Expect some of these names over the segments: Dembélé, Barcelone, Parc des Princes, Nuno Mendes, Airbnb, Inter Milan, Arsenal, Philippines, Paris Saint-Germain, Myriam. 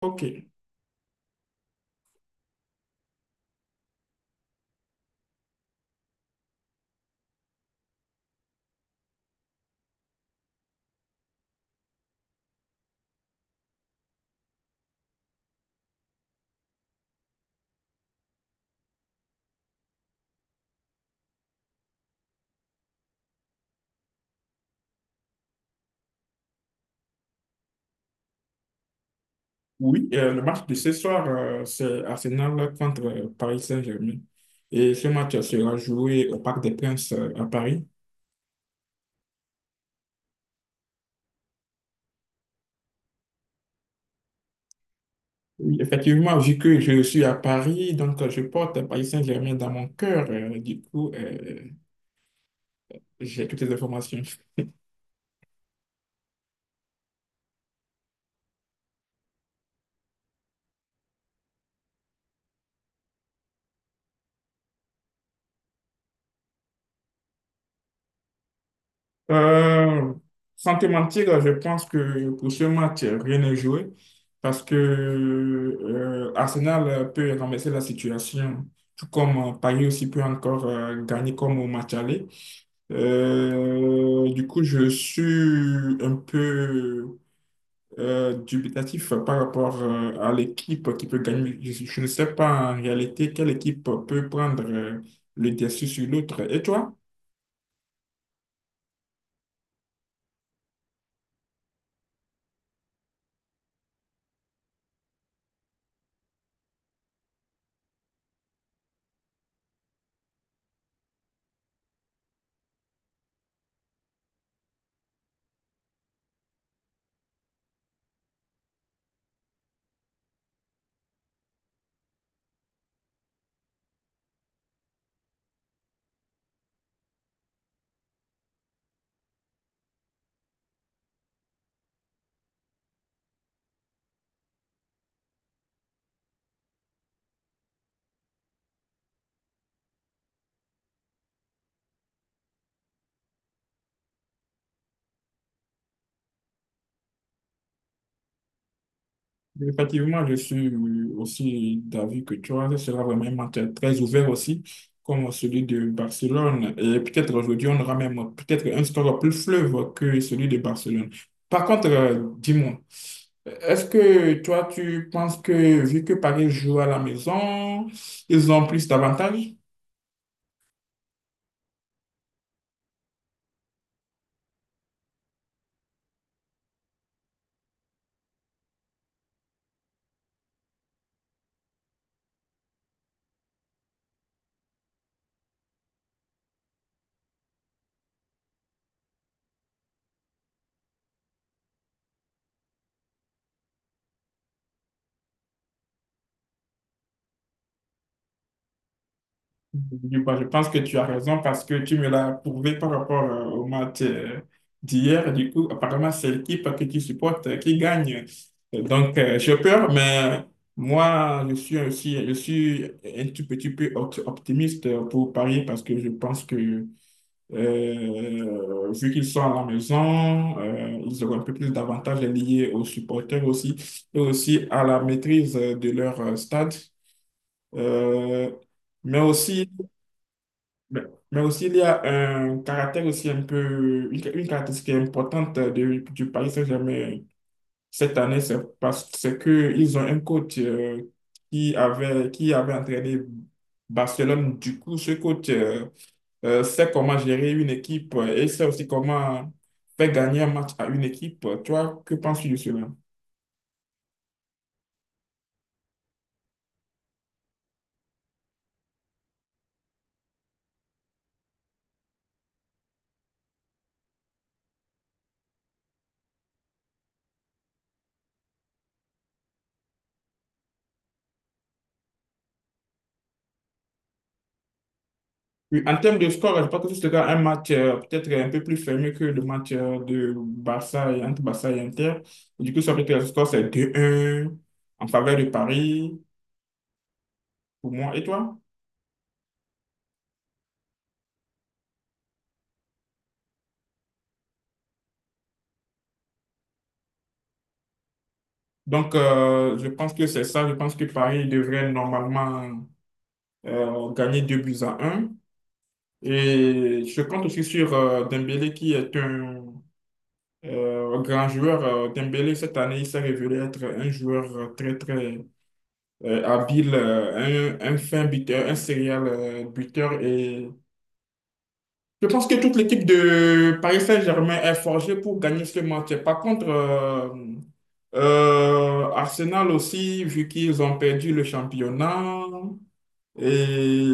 Ok. Oui, le match de ce soir, c'est Arsenal contre Paris Saint-Germain. Et ce match sera joué au Parc des Princes à Paris. Oui, effectivement, vu que je suis à Paris, donc je porte Paris Saint-Germain dans mon cœur. Du coup, j'ai toutes les informations. Euh, Sans te mentir, je pense que pour ce match, rien n'est joué parce que Arsenal peut renverser la situation, tout comme Paris aussi peut encore gagner comme au match aller. Du coup, je suis un peu dubitatif par rapport à l'équipe qui peut gagner. Je ne sais pas en réalité quelle équipe peut prendre le dessus sur l'autre. Et toi? Effectivement, je suis aussi d'avis que toi, ce sera vraiment un match très ouvert aussi, comme celui de Barcelone. Et peut-être aujourd'hui, on aura même peut-être un score plus fleuve que celui de Barcelone. Par contre, dis-moi, est-ce que toi, tu penses que vu que Paris joue à la maison, ils ont plus d'avantages? Du coup, je pense que tu as raison parce que tu me l'as prouvé par rapport au match d'hier. Du coup, apparemment, c'est l'équipe que tu supportes qui gagne. Donc, j'ai peur, mais moi, je suis aussi, je suis un tout petit peu optimiste pour Paris parce que je pense que, vu qu'ils sont à la maison, ils auront un peu plus d'avantages liés aux supporters aussi et aussi à la maîtrise de leur stade. Euh, mais aussi, mais, mais aussi, il y a un caractère aussi un peu, une caractéristique importante du Paris Saint-Germain cette année, c'est que ils ont un coach qui avait entraîné Barcelone. Du coup, ce coach sait comment gérer une équipe et sait aussi comment faire gagner un match à une équipe. Toi, que penses-tu de cela? Oui, en termes de score, je pense que ce sera un match peut-être un peu plus fermé que le match de Barça et entre Barça et Inter. Du coup, ça peut être le score, c'est 2-1 en faveur de Paris, pour moi et toi. Donc, je pense que c'est ça. Je pense que Paris devrait normalement gagner 2 buts à 1. Et je compte aussi sur Dembélé qui est un grand joueur. Dembélé, cette année, il s'est révélé être un joueur très, très, un fin buteur, un serial buteur. Et je pense que toute l'équipe de Paris Saint-Germain est forgée pour gagner ce match. Par contre, Arsenal aussi, vu qu'ils ont perdu le championnat. Et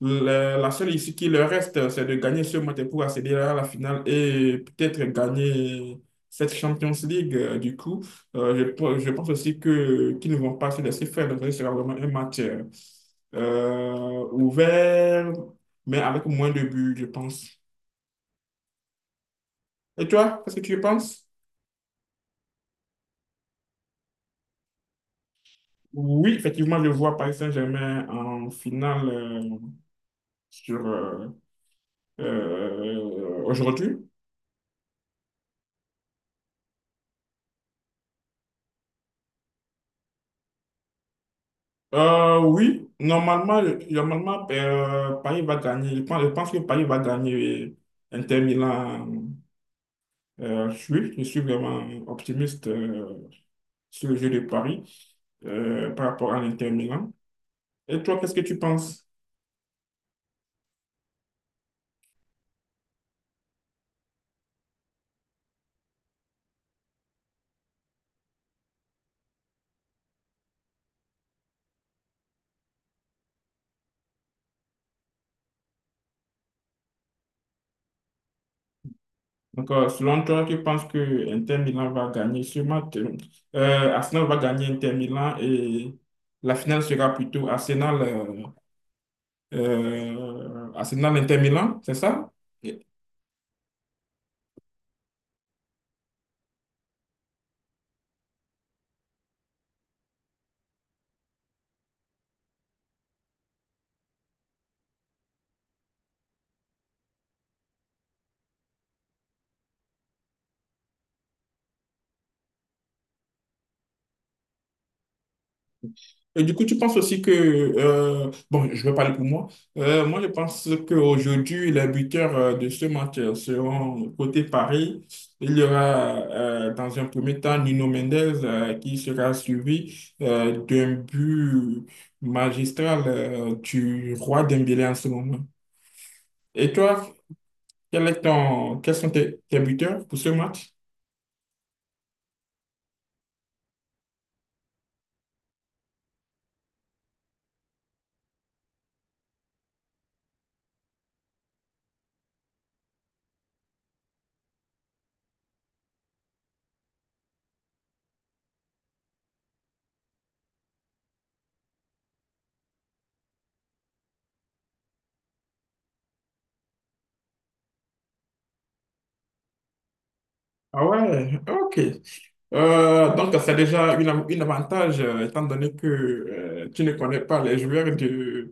la seule issue qui leur reste, c'est de gagner ce match pour accéder à la finale et peut-être gagner cette Champions League. Euh, je, je pense aussi que qu'ils ne vont pas se laisser faire. Donc, ce sera vraiment un match ouvert, mais avec moins de buts, je pense. Et toi, qu'est-ce que tu penses? Oui, effectivement, je vois Paris Saint-Germain en finale sur aujourd'hui. Oui, normalement, normalement Paris va gagner. Je pense que Paris va gagner, oui. Inter Milan. Je suis vraiment optimiste sur le jeu de Paris par rapport à l'Inter Milan. Et toi, qu'est-ce que tu penses? Donc, selon toi, tu penses que Inter Milan va gagner sûrement Arsenal va gagner Inter Milan et la finale sera plutôt Arsenal, Arsenal Inter Milan, c'est ça? Et- Et du coup, tu penses aussi que, bon, je vais parler pour moi. Moi, je pense qu'aujourd'hui, les buteurs de ce match seront côté Paris. Il y aura dans un premier temps Nuno Mendes qui sera suivi d'un but magistral du roi Dembélé en ce moment. Et toi? Quel est quels sont tes, tes buteurs pour ce match? Ah ouais, ok. Donc, c'est déjà une avantage, étant donné que tu ne connais pas les joueurs de,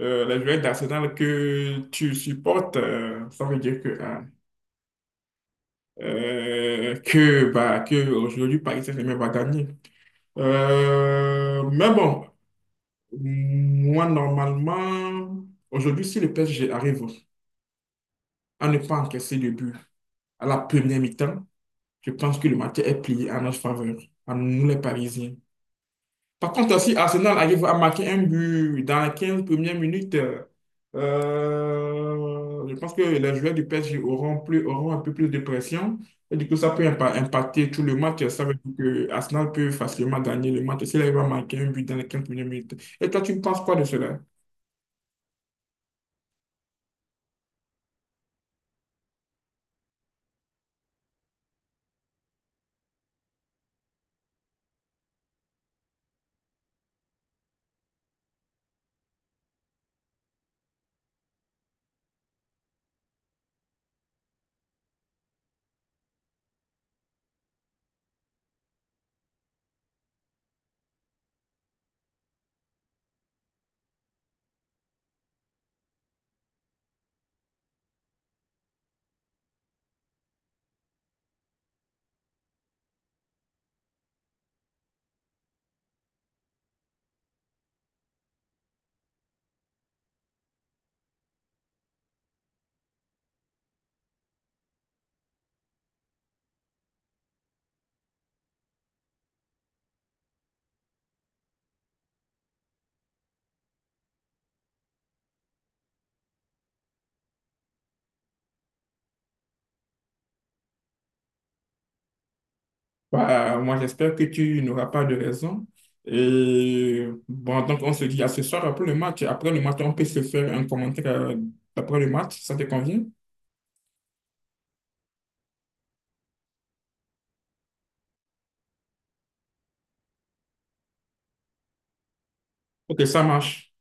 euh, les joueurs d'Arsenal que tu supportes. Ça veut dire que ah, bah, que aujourd'hui Paris Saint-Germain va gagner. Mais bon, moi, normalement, aujourd'hui, si le PSG arrive à ne pas encaisser de but à la première mi-temps, je pense que le match est plié en notre faveur, à nous les Parisiens. Par contre, si Arsenal arrive à marquer un but dans les 15 premières minutes, je pense que les joueurs du PSG auront un peu plus de pression. Et du coup, ça peut impacter tout le match. Ça veut dire que Arsenal peut facilement gagner le match s'il arrive à marquer un but dans les 15 premières minutes. Et toi, tu penses quoi de cela? Bah, moi, j'espère que tu n'auras pas de raison. Et bon, donc, on se dit à ce soir après le match. Après le match, on peut se faire un commentaire après le match. Ça te convient? Ok, ça marche.